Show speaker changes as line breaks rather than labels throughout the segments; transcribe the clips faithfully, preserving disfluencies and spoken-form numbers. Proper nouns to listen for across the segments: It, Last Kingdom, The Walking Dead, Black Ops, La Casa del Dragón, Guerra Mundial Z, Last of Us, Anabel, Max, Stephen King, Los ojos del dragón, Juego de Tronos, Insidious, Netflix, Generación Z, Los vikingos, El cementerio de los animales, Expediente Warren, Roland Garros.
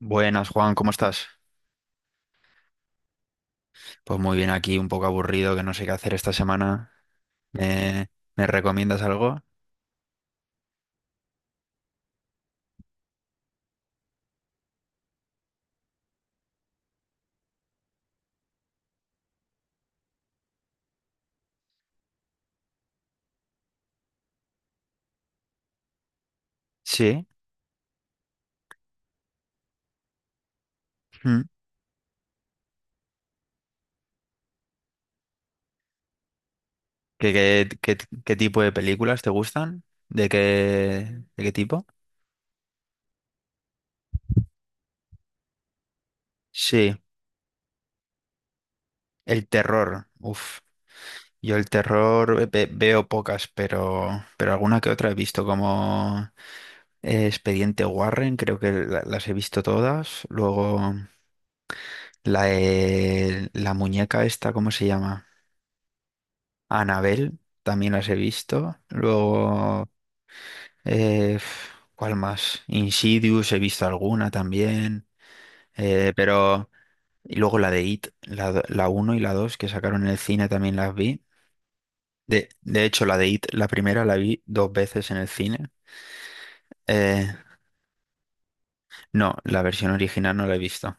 Buenas, Juan, ¿cómo estás? Pues muy bien aquí, un poco aburrido, que no sé qué hacer esta semana. ¿Me, me recomiendas algo? Sí. Mm. ¿Qué, qué, qué, qué tipo de películas te gustan? ¿De qué, de qué tipo? Sí, el terror. Uf, yo el terror ve- veo pocas, pero, pero alguna que otra he visto, como eh, Expediente Warren, creo que la- las he visto todas. Luego la, de- la muñeca esta, ¿cómo se llama? Anabel, también las he visto. Luego, eh, f- ¿cuál más? Insidious, he visto alguna también. Eh, pero, y luego la de It, la, do- la uno y la dos que sacaron en el cine también las vi. De, de hecho, la de It, la primera la vi dos veces en el cine. Eh, no, la versión original no la he visto.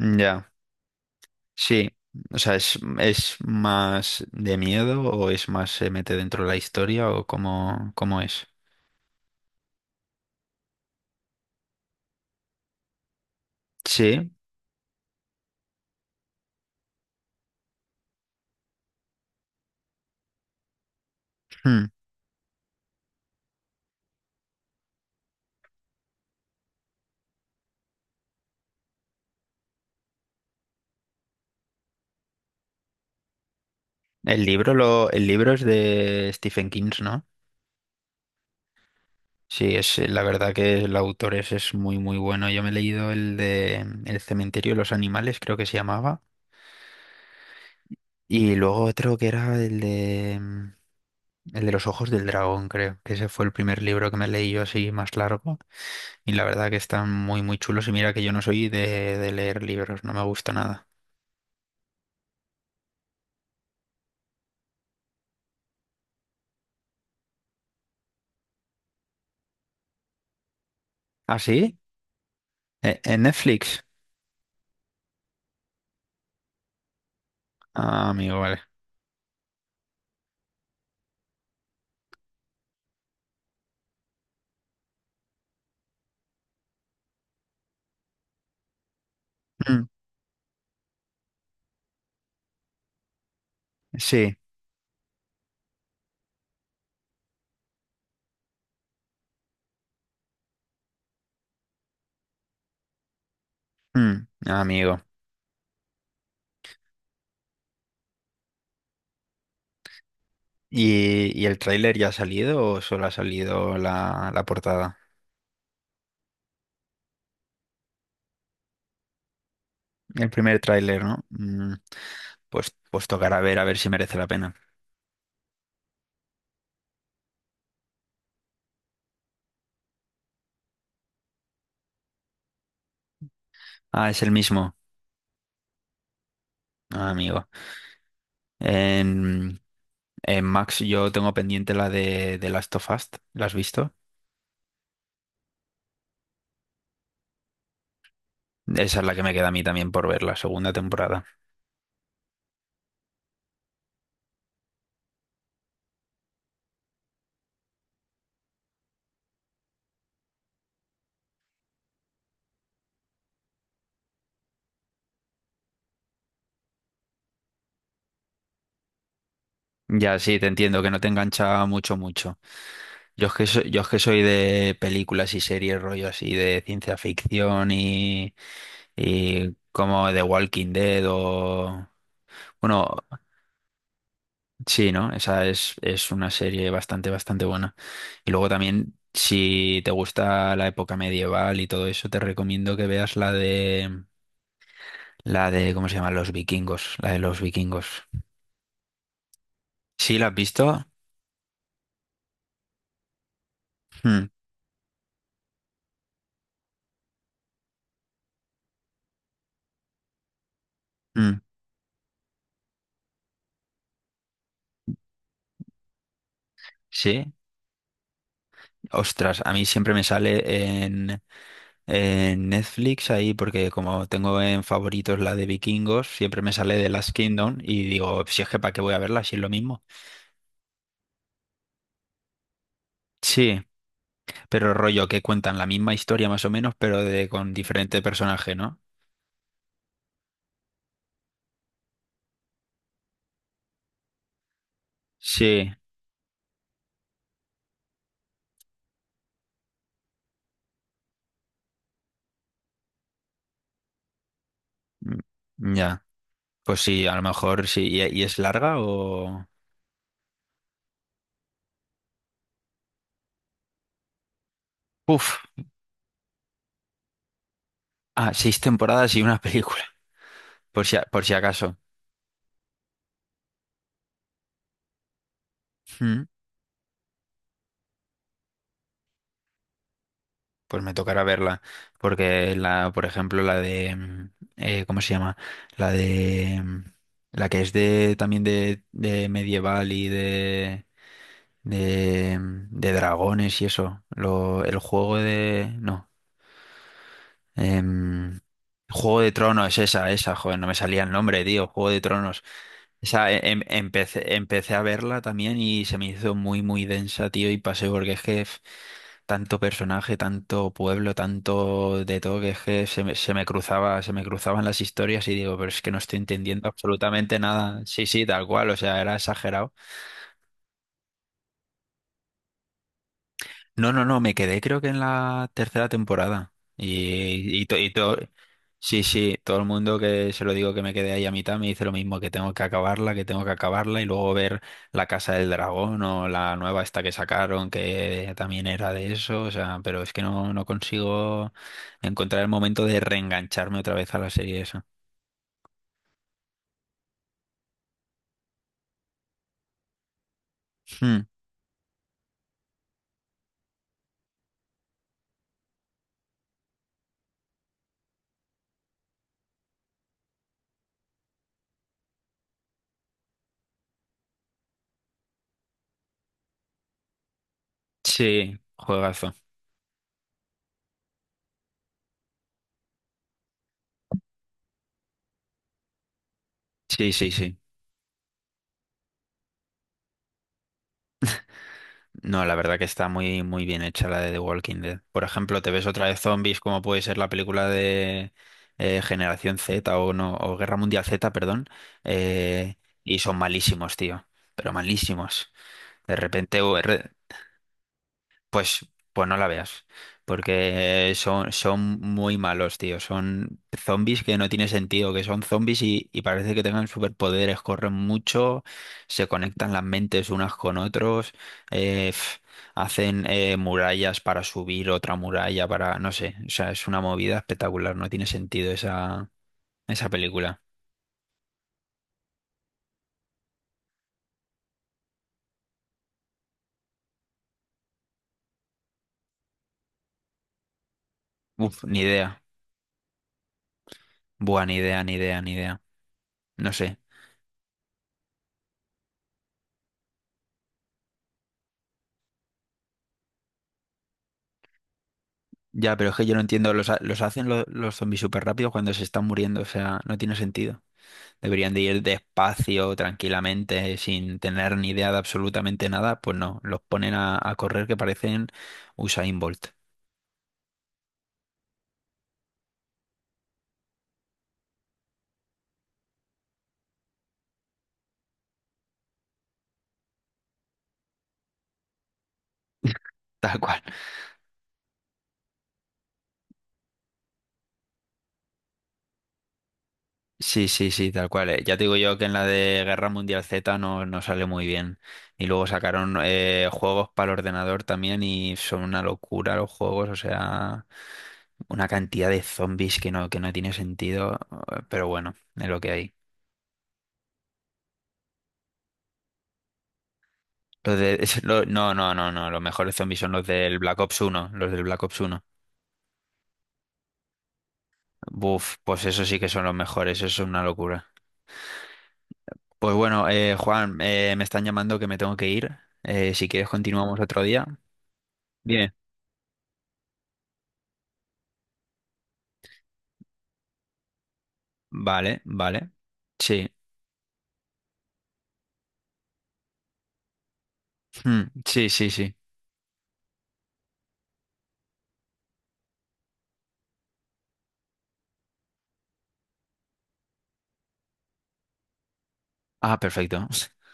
Ya, sí. O sea, ¿es, es más de miedo o es más se mete dentro de la historia o cómo, cómo es? Sí. Hmm. El libro, lo, el libro es de Stephen King, ¿no? Sí, es eh, la verdad que el autor es, es muy muy bueno. Yo me he leído el de mm, El cementerio de los animales, creo que se llamaba, y luego otro que era el de mm, el de los ojos del dragón, creo, que ese fue el primer libro que me leí yo así más largo, y la verdad que están muy muy chulos. Y mira que yo no soy de, de leer libros, no me gusta nada. ¿Ah, sí? ¿E- ¿En Netflix? Ah, amigo, vale. Mm, sí, mm, amigo. ¿Y, y el tráiler ya ha salido o solo ha salido la, la portada? El primer tráiler, ¿no? Mm, pues, pues tocará ver a ver si merece la pena. Ah, es el mismo. Ah, amigo. En, en Max yo tengo pendiente la de, de Last of Us. ¿La has visto? Esa es la que me queda a mí también por ver, la segunda temporada. Ya, sí, te entiendo, que no te engancha mucho, mucho. Yo es que soy, yo es que soy de películas y series, rollo así, de ciencia ficción y, y como The Walking Dead o... Bueno, sí, ¿no? Esa es, es una serie bastante, bastante buena. Y luego también, si te gusta la época medieval y todo eso, te recomiendo que veas la de... La de, ¿cómo se llama? Los vikingos, la de los vikingos. ¿Sí, la has visto? Mm, mm, Sí. Ostras, a mí siempre me sale en, en Netflix ahí, porque como tengo en favoritos la de Vikingos, siempre me sale de Last Kingdom y digo, si es que para qué voy a verla, si es lo mismo. Sí, pero rollo que cuentan la misma historia más o menos, pero de con diferente personaje, ¿no? Sí, mm, ya. Pues sí, a lo mejor sí. ¿Y, y es larga o...? Uf, ah, seis temporadas y una película, por si, a- por si acaso. Hmm. Pues me tocará verla, porque la, por ejemplo, la de, mm, eh, ¿cómo se llama? La de, mm, la que es de, también de, de medieval y de, de, mm, de dragones y eso. Lo, el juego de, no. Em, Juego de Tronos, esa, esa, joder, no me salía el nombre, tío. Juego de Tronos. Esa, eh, em- empecé, empecé a verla también y se me hizo muy, muy densa, tío, y pasé porque es que f- tanto personaje, tanto pueblo, tanto de todo, que es que se me, se me cruzaba, se me cruzaban las historias y digo, pero es que no estoy entendiendo absolutamente nada. Sí, sí, tal cual, o sea, era exagerado. No, no, no, me quedé creo que en la tercera temporada. Y, y, to- y to- sí, sí, todo el mundo que se lo digo que me quedé ahí a mitad me dice lo mismo, que tengo que acabarla, que tengo que acabarla y luego ver La Casa del Dragón o la nueva esta que sacaron que también era de eso, o sea, pero es que no, no consigo encontrar el momento de reengancharme otra vez a la serie esa. Hmm, sí, juegazo. Sí, sí, sí. No, la verdad que está muy, muy bien hecha la de The Walking Dead. Por ejemplo, te ves otra vez zombies, como puede ser la película de eh, Generación Z o no, o Guerra Mundial Z, perdón, eh, y son malísimos, tío, pero malísimos. De repente, o- re- pues, pues no la veas, porque son, son muy malos, tío. Son zombies que no tiene sentido, que son zombies y, y parece que tengan superpoderes, corren mucho, se conectan las mentes unas con otros, eh, pf, hacen eh, murallas para subir otra muralla para, no sé, o sea, es una movida espectacular, no tiene sentido esa, esa película. Uf, ni idea. Buah, ni idea, ni idea, ni idea. No sé. Ya, pero es que yo no entiendo, los, ha- los hacen lo- los zombies súper rápido cuando se están muriendo, o sea, no tiene sentido. Deberían de ir despacio, tranquilamente, sin tener ni idea de absolutamente nada, pues no, los ponen a, a correr que parecen Usain Bolt, tal cual. Sí, sí, sí, tal cual. Eh. Ya te digo yo que en la de Guerra Mundial Z no, no sale muy bien. Y luego sacaron eh, juegos para el ordenador también y son una locura los juegos, o sea, una cantidad de zombies que no, que no tiene sentido, eh, pero bueno, es lo que hay. Los de, es- lo- no, no, no, no, los mejores zombies son los del Black Ops uno, los del Black Ops uno. Buf, pues eso sí que son los mejores, eso es una locura. Pues bueno, eh, Juan, eh, me están llamando que me tengo que ir. Eh, si quieres continuamos otro día. Bien. Vale, vale. Sí. Mm, Sí, sí, sí. Ah, perfecto.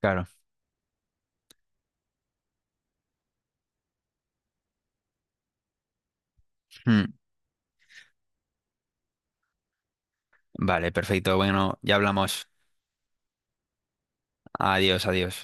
Claro. Mm, Vale, perfecto. Bueno, ya hablamos. Adiós, adiós.